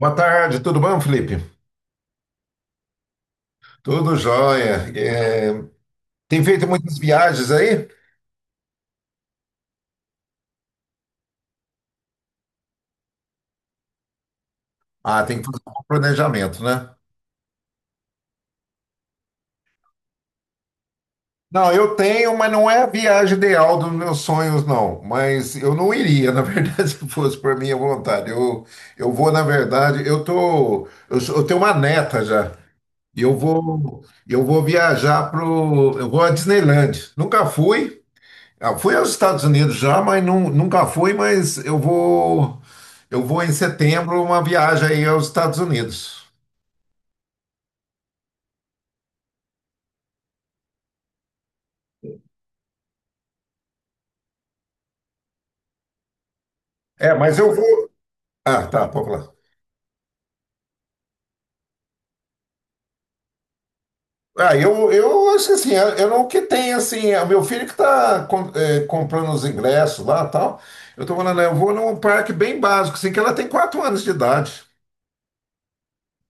Boa tarde, tudo bom, Felipe? Tudo jóia. Tem feito muitas viagens aí? Ah, tem que fazer um bom planejamento, né? Não, eu tenho, mas não é a viagem ideal dos meus sonhos, não. Mas eu não iria, na verdade, se fosse por minha vontade. Eu vou, na verdade, eu tô, eu, sou- eu tenho uma neta já. Eu vou viajar eu vou à Disneyland. Nunca fui. Ah, fui aos Estados Unidos já, mas nunca fui, mas eu vou em setembro uma viagem aí aos Estados Unidos. É, mas eu vou. Ah, tá, pode falar. Ah, eu acho que assim, eu não que tem assim, é o meu filho que está comprando os ingressos lá e tal. Eu tô falando, eu vou num parque bem básico, assim, que ela tem quatro anos de idade.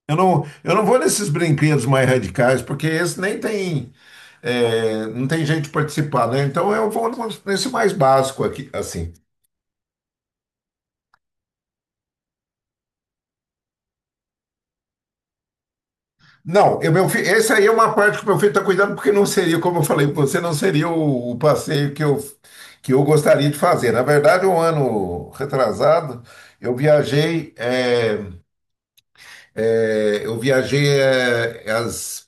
Eu não vou nesses brinquedos mais radicais, porque esse nem tem, não tem jeito de participar, né? Então eu vou nesse mais básico aqui, assim. Não, meu filho, essa aí é uma parte que o meu filho está cuidando, porque não seria, como eu falei para você, não seria o passeio que eu gostaria de fazer. Na verdade, um ano retrasado, eu viajei, é, eu viajei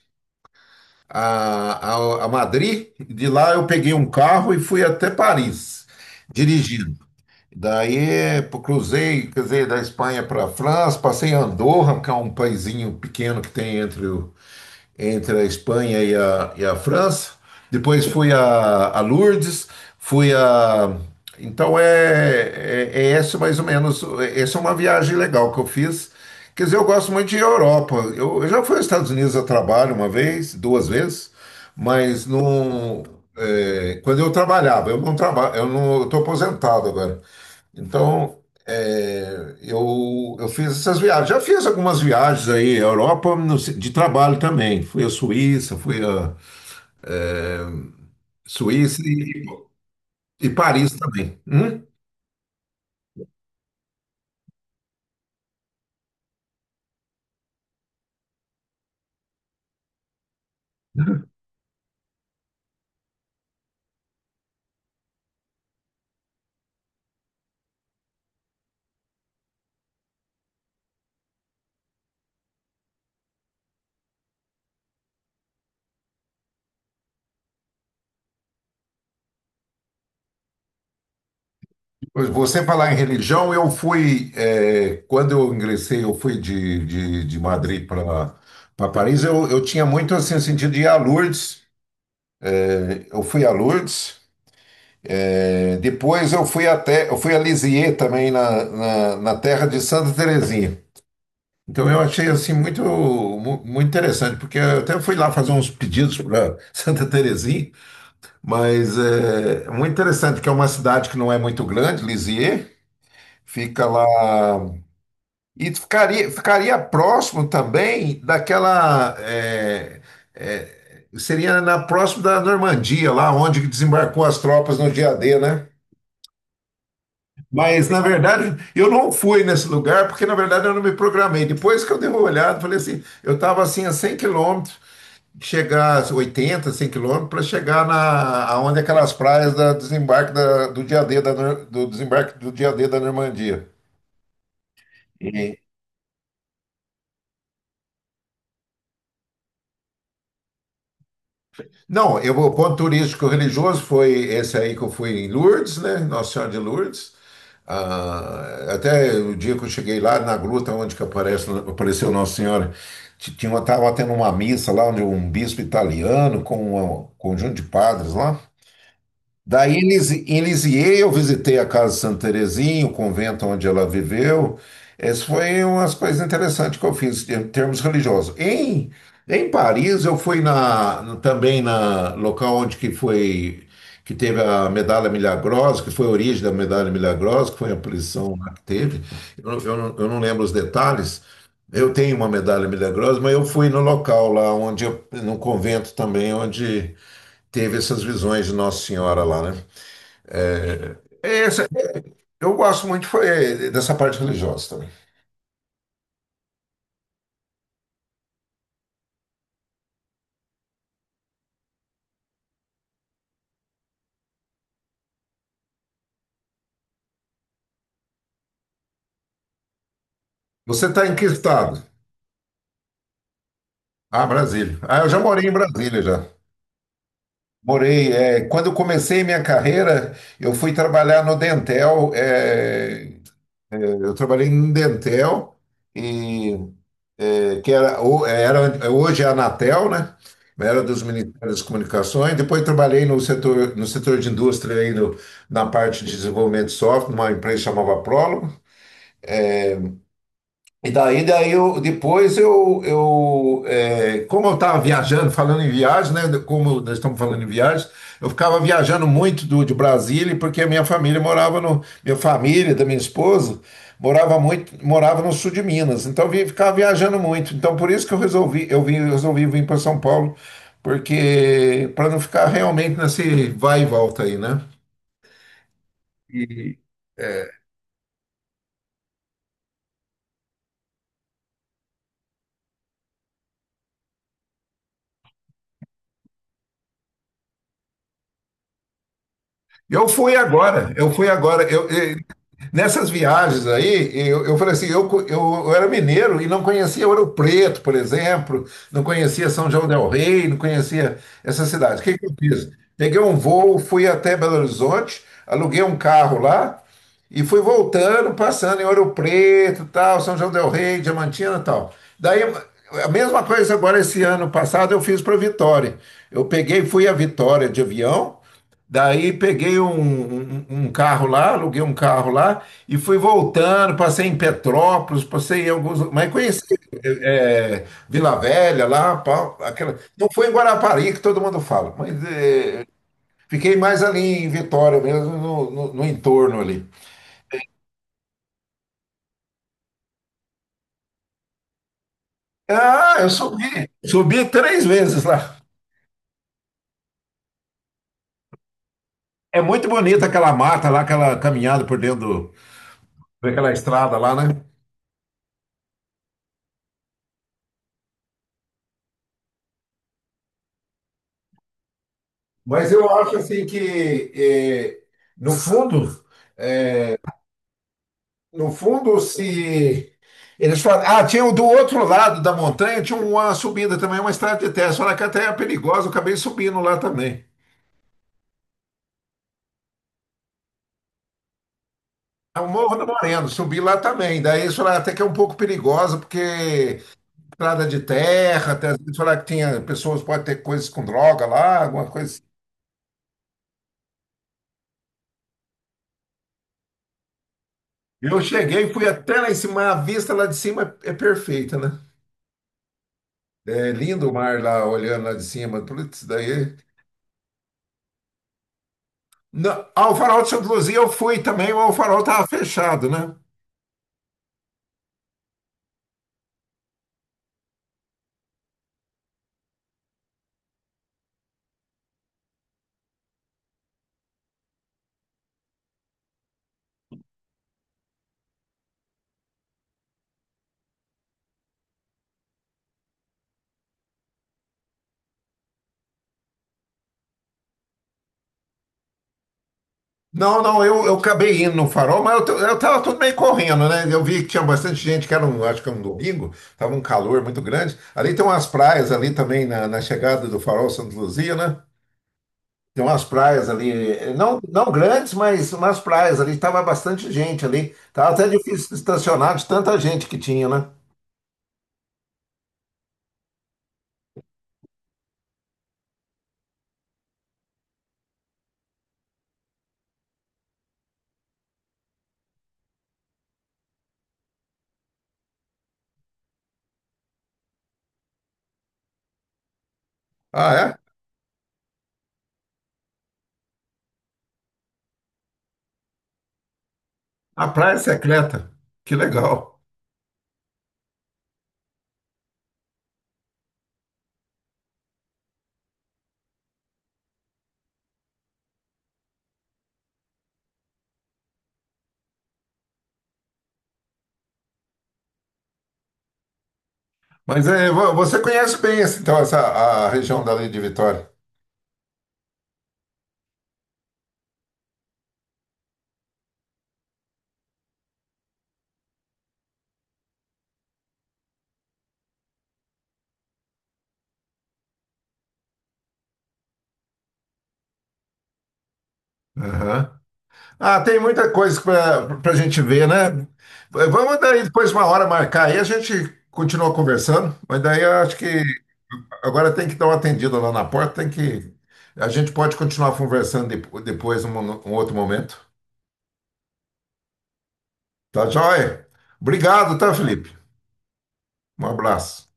a, a Madrid, e de lá eu peguei um carro e fui até Paris, dirigindo. Daí pô, cruzei, quer dizer, da Espanha para a França, passei em Andorra, que é um paizinho pequeno que tem entre a Espanha e e a França. Depois fui a Lourdes, fui a. Então é esse mais ou menos. Essa é uma viagem legal que eu fiz. Quer dizer, eu gosto muito de Europa. Eu já fui aos Estados Unidos a trabalho uma vez, duas vezes, mas não. É, quando eu trabalhava, eu não trabalho, eu não estou aposentado agora, então, eu fiz essas viagens. Já fiz algumas viagens aí, à Europa, no de trabalho também. Fui à Suíça, fui à é, Suíça e Paris também. Hum? Você falar em religião, eu fui, é, quando eu ingressei, eu fui de Madrid para Paris, eu tinha muito assim, sentido de ir a Lourdes. É, eu fui a Lourdes, é, depois eu fui a Lisieux também, na terra de Santa Terezinha. Então eu achei assim muito interessante, porque eu até fui lá fazer uns pedidos para Santa Terezinha, mas é muito interessante que é uma cidade que não é muito grande, Lisieux, fica lá e ficaria próximo também daquela seria na próximo da Normandia, lá onde desembarcou as tropas no dia D, né? Mas, na verdade, eu não fui nesse lugar porque, na verdade, eu não me programei. Depois que eu dei uma olhada, falei assim: eu estava assim a 100 quilômetros, chegar a 80, 100 quilômetros, para chegar na aonde aquelas praias da desembarque do dia D da, do desembarque do dia D da Normandia. Não, eu, o ponto turístico religioso foi esse aí que eu fui em Lourdes, né? Nossa Senhora de Lourdes. Ah, até o dia que eu cheguei lá na gruta onde que apareceu Nossa Senhora, tava tendo uma missa lá onde um bispo italiano com um conjunto de padres lá. Daí em Lisieux eu visitei a casa de Santa Terezinha, o convento onde ela viveu. Essas foi umas coisas interessantes que eu fiz em termos religiosos. Em Paris eu fui na, também na local onde que foi que teve a medalha milagrosa, que foi a origem da medalha milagrosa, que foi a prisão lá que teve. Eu não lembro os detalhes. Eu tenho uma medalha milagrosa, mas eu fui no local lá no convento também onde teve essas visões de Nossa Senhora lá, né? É essa- eu gosto muito foi, é, dessa parte religiosa também. Você está em que estado? Ah, Brasília. Ah, eu já morei em Brasília já. Morei. É, quando eu comecei minha carreira, eu fui trabalhar no Dentel. Eu trabalhei em Dentel e que era, hoje é a Anatel, né? Era dos Ministérios das Comunicações. Depois trabalhei no setor, no setor de indústria aí na parte de desenvolvimento de software, numa empresa que chamava Prólogo. E daí, daí eu, depois eu é, como eu estava viajando, falando em viagem, né? Como nós estamos falando em viagem, eu ficava viajando muito de Brasília, porque a minha família morava no, minha família, da minha esposa, morava no sul de Minas. Então eu ficava viajando muito. Então por isso que eu resolvi, resolvi vir para São Paulo, porque para não ficar realmente nesse vai e volta aí, né? E- é, eu fui agora, eu fui agora. Nessas viagens aí, eu falei assim, eu, co- eu era mineiro e não conhecia Ouro Preto, por exemplo, não conhecia São João del Rei, não conhecia essa cidade. O que que eu fiz? Peguei um voo, fui até Belo Horizonte, aluguei um carro lá e fui voltando, passando em Ouro Preto, tal, São João del Rei, Diamantina, e tal. Daí, a mesma coisa agora esse ano passado eu fiz para Vitória. Eu peguei, fui a Vitória de avião. Daí peguei um carro lá, aluguei um carro lá e fui voltando. Passei em Petrópolis, passei em alguns. Mas conheci Vila Velha lá, pá, aquela. Não foi em Guarapari que todo mundo fala, mas fiquei mais ali em Vitória mesmo, no entorno ali. Ah, eu subi, subi três vezes lá. É muito bonita aquela mata lá, aquela caminhada por dentro daquela estrada lá, né? Mas eu acho assim que, no fundo. No fundo, se eles falam, ah, tinha o do outro lado da montanha, tinha uma subida também, uma estrada de terra. Falaram que até é perigosa, eu acabei subindo lá também. É o Morro do Moreno, subi lá também. Daí eles falaram até que é um pouco perigosa, porque estrada de terra, até eles falaram que tinha pessoas, pode ter coisas com droga lá, alguma coisa assim. Eu cheguei, fui até lá em cima, a vista lá de cima é perfeita, né? É lindo o mar lá, olhando lá de cima, tudo isso daí. Não, ao Farol de Santa Luzia eu fui também, mas o farol estava fechado, né? Não, não, eu acabei indo no farol, mas eu tava tudo meio correndo, né? Eu vi que tinha bastante gente, que era um, acho que era um domingo, tava um calor muito grande. Ali tem umas praias ali também na chegada do farol Santa Luzia, né? Tem umas praias ali, não, não grandes, mas umas praias ali, tava bastante gente ali. Tava até difícil estacionar de tanta gente que tinha, né? Ah, é? A praia secreta. Que legal. Mas é, você conhece bem então essa a região dali de Vitória. Aham. Ah, tem muita coisa para a gente ver, né? Vamos daí depois uma hora marcar aí, a gente continua conversando, mas daí eu acho que agora tem que dar uma atendida lá na porta, tem que. A gente pode continuar conversando depois, num outro momento. Tá joia? Obrigado, tá, Felipe? Um abraço.